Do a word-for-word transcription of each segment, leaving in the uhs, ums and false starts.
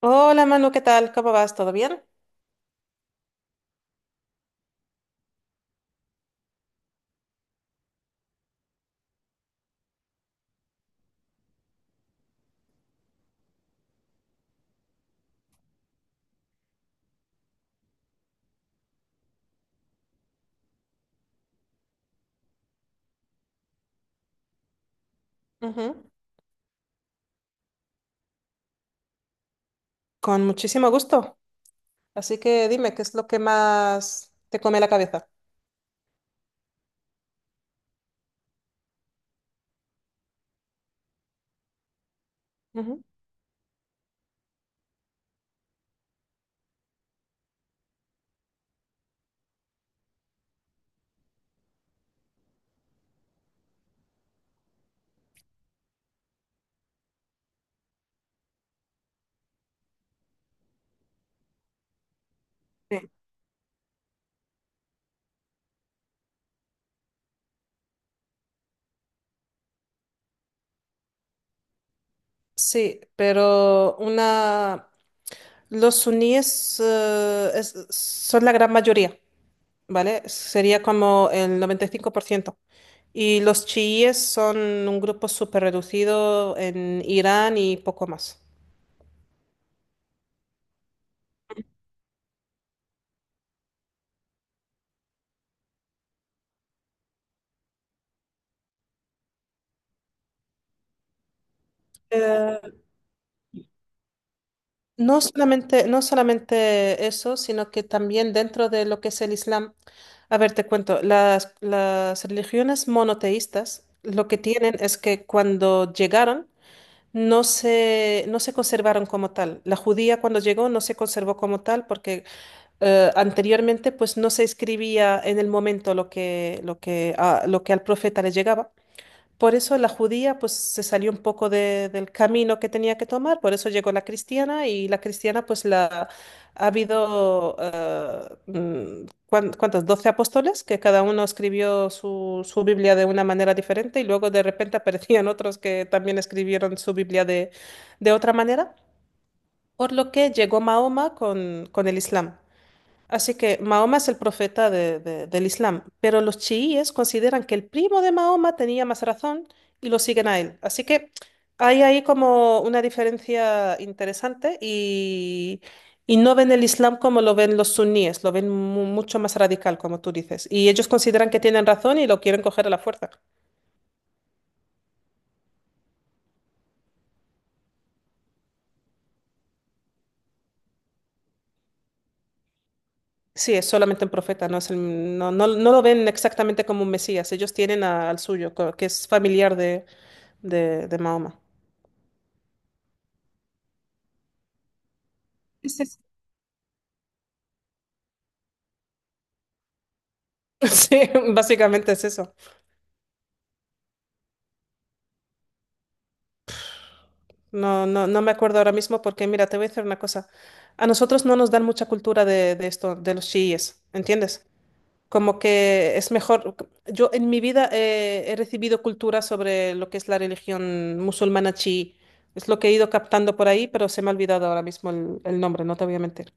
Hola Manu, ¿qué tal? ¿Cómo vas? ¿Todo bien? Ujú. Con muchísimo gusto. Así que dime, ¿qué es lo que más te come la cabeza? Ujú. Sí. Sí, pero una... Los suníes eh, es- son la gran mayoría, ¿vale? Sería como el noventa y cinco por ciento, y los chiíes son un grupo súper reducido en Irán y poco más. Eh, No solamente, no solamente eso, sino que también dentro de lo que es el Islam, a ver, te cuento, las, las religiones monoteístas lo que tienen es que cuando llegaron no se, no se conservaron como tal. La judía cuando llegó no se conservó como tal porque eh, anteriormente pues no se escribía en el momento lo que, lo que, a- lo que al profeta le llegaba. Por eso la judía pues se salió un poco de- del camino que tenía que tomar, por eso llegó la cristiana y la cristiana pues la ha habido eh, mm, cuán- ¿cuántos? Doce apóstoles que cada uno escribió su, su Biblia de una manera diferente y luego de repente aparecían otros que también escribieron su Biblia de, de otra manera, por lo que llegó Mahoma con, con el Islam. Así que Mahoma es el profeta de- de- del Islam, pero los chiíes consideran que el primo de Mahoma tenía más razón y lo siguen a él. Así que hay ahí como una diferencia interesante y, y no ven el Islam como lo ven los suníes, lo ven mu- mucho más radical, como tú dices. Y ellos consideran que tienen razón y lo quieren coger a la fuerza. Sí, es solamente un profeta, no es el- no, no, no lo ven exactamente como un mesías. Ellos tienen a- al suyo, co- que es familiar de, de, de Mahoma. Sí, básicamente es eso. No, no, no me acuerdo ahora mismo porque, mira, te voy a decir una cosa. A nosotros no nos dan mucha cultura de, de esto, de los chiíes, ¿entiendes? Como que es mejor. Yo en mi vida eh, he recibido cultura sobre lo que es la religión musulmana chií. Es lo que he ido captando por ahí, pero se me ha olvidado ahora mismo el, el nombre, no te voy a mentir.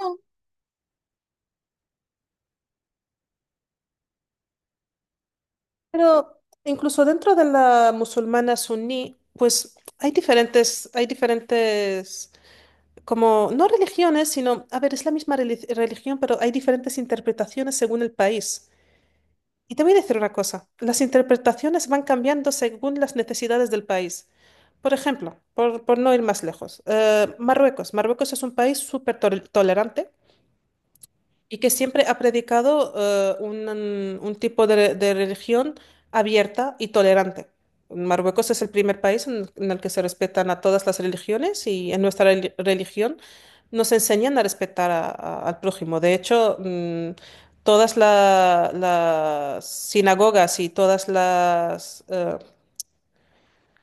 No. Pero incluso dentro de la musulmana suní, pues hay diferentes, hay diferentes. Como, no religiones, sino, a ver, es la misma reli- religión, pero hay diferentes interpretaciones según el país. Y te voy a decir una cosa, las interpretaciones van cambiando según las necesidades del país. Por ejemplo, por, por no ir más lejos, eh, Marruecos. Marruecos es un país súper tol- tolerante y que siempre ha predicado eh, un, un tipo de, re- de religión abierta y tolerante. Marruecos es el primer país en, en el que se respetan a todas las religiones y en nuestra reli- religión nos enseñan a respetar a- a- al prójimo. De hecho, mm, todas la- las sinagogas y todas las, eh,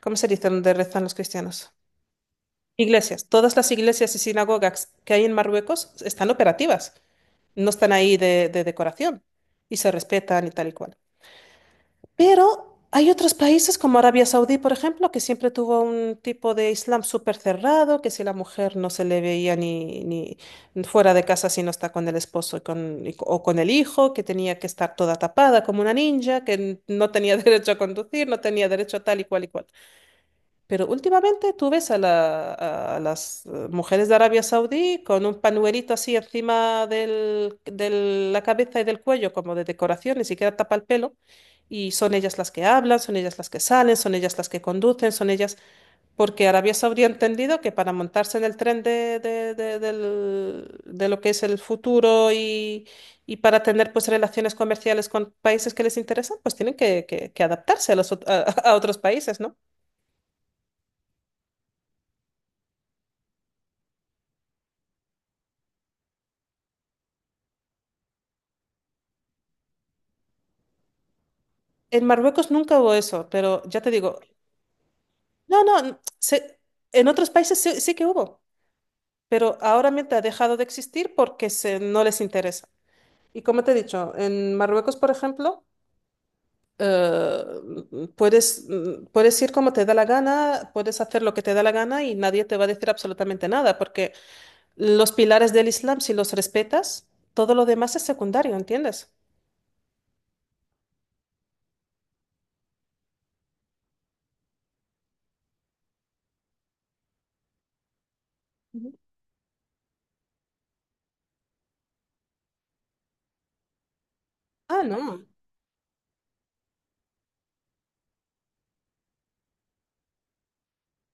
¿cómo se dice? Donde rezan los cristianos? Iglesias. Todas las iglesias y sinagogas que hay en Marruecos están operativas, no están ahí de, de decoración, y se respetan y tal y cual. Pero hay otros países como Arabia Saudí, por ejemplo, que siempre tuvo un tipo de Islam súper cerrado, que si la mujer no se le veía ni, ni fuera de casa si no está con el esposo y con, y- o con el hijo, que tenía que estar toda tapada como una ninja, que n- no tenía derecho a conducir, no tenía derecho a tal y cual y cual. Pero últimamente tú ves a, la- a a las eh, mujeres de Arabia Saudí con un panuelito así encima del- de la cabeza y del cuello, como de decoración, ni siquiera tapa el pelo. Y son ellas las que hablan, son ellas las que salen, son ellas las que conducen, son ellas... Porque Arabia Saudí ha entendido que para montarse en el tren de, de- de- del- de lo que es el futuro y, y para tener pues relaciones comerciales con países que les interesan, pues tienen que, que- que adaptarse a los ot- a a otros países, ¿no? En Marruecos nunca hubo eso, pero ya te digo, no, no, n- se- en otros países sí, sí que hubo, pero ahora mismo ha dejado de existir porque se, no les interesa. Y como te he dicho, en Marruecos, por ejemplo, eh, puedes, mm, puedes ir como te da la gana, puedes hacer lo que te da la gana y nadie te va a decir absolutamente nada, porque los pilares del Islam, si los respetas, todo lo demás es secundario, ¿entiendes? Ujú. Ah, no.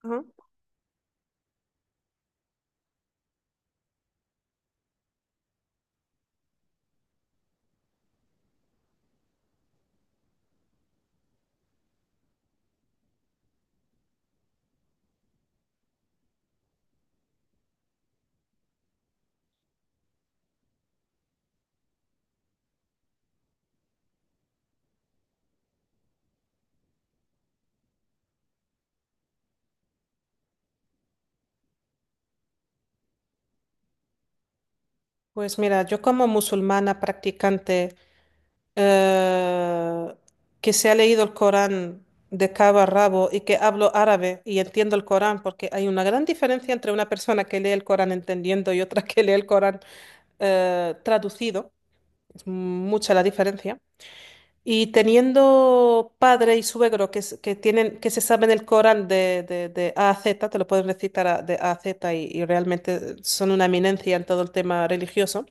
Ajá. Pues mira, yo como musulmana practicante eh, que se ha leído el Corán de cabo a rabo y que hablo árabe y entiendo el Corán, porque hay una gran diferencia entre una persona que lee el Corán entendiendo y otra que lee el Corán eh, traducido. Es mucha la diferencia. Y teniendo padre y suegro que, s- que tienen, que se saben el Corán de, de, de A a Z, te lo pueden recitar a- de A a Z y y realmente son una eminencia en todo el tema religioso.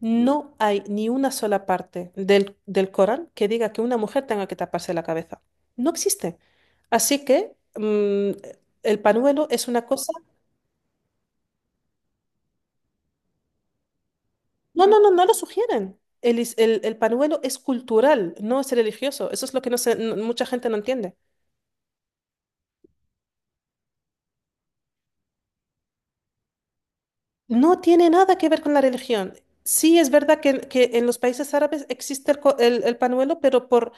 No hay ni una sola parte del, del Corán que diga que una mujer tenga que taparse la cabeza. No existe. Así que mm, el panuelo es una cosa... No, no, no, no lo sugieren. El, is- el, el panuelo es cultural, no es religioso. Eso es lo que no se- no- mucha gente no entiende. No tiene nada que ver con la religión. Sí es verdad que, que en los países árabes existe el, co- el el panuelo, pero por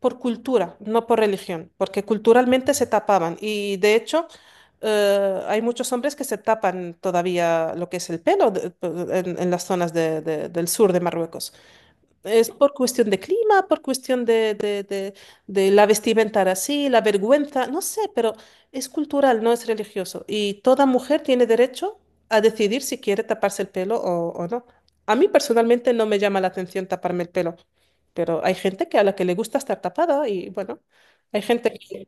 por cultura, no por religión, porque culturalmente se tapaban y de hecho eh, hay muchos hombres que se tapan todavía lo que es el pelo de- en, en las zonas de- de- del sur de Marruecos. Es por cuestión de clima, por cuestión de, de, de, de la vestimenta así, la vergüenza, no sé, pero es cultural, no es religioso. Y toda mujer tiene derecho a decidir si quiere taparse el pelo o, o no. A mí personalmente no me llama la atención taparme el pelo, pero hay gente que a la que le gusta estar tapada y bueno, hay gente que... Sí,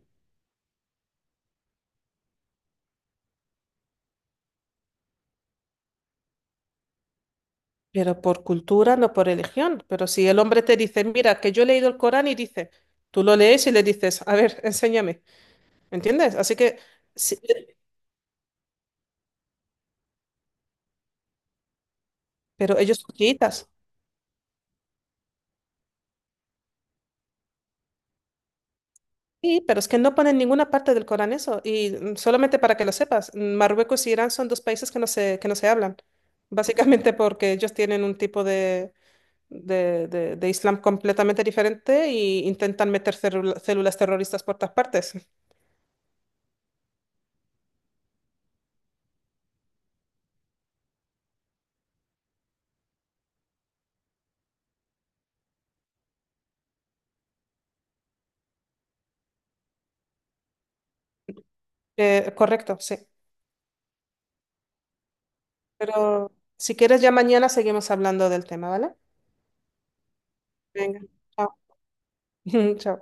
pero por cultura, no por religión. Pero si el hombre te dice, mira, que yo he leído el Corán y dice, tú lo lees y le dices, a ver, enséñame, ¿entiendes? Así que... Sí, pero ellos son chiitas. Sí, pero es que no ponen ninguna parte del Corán eso. Y mm, solamente para que lo sepas, mm, Marruecos y Irán son dos países que no se, que no se hablan. Básicamente porque ellos tienen un tipo de, de, de- de Islam completamente diferente y intentan meter célula- células terroristas por todas partes. Eh, correcto, sí. Pero si quieres, ya mañana seguimos hablando del tema, ¿vale? Venga, chao. Chao.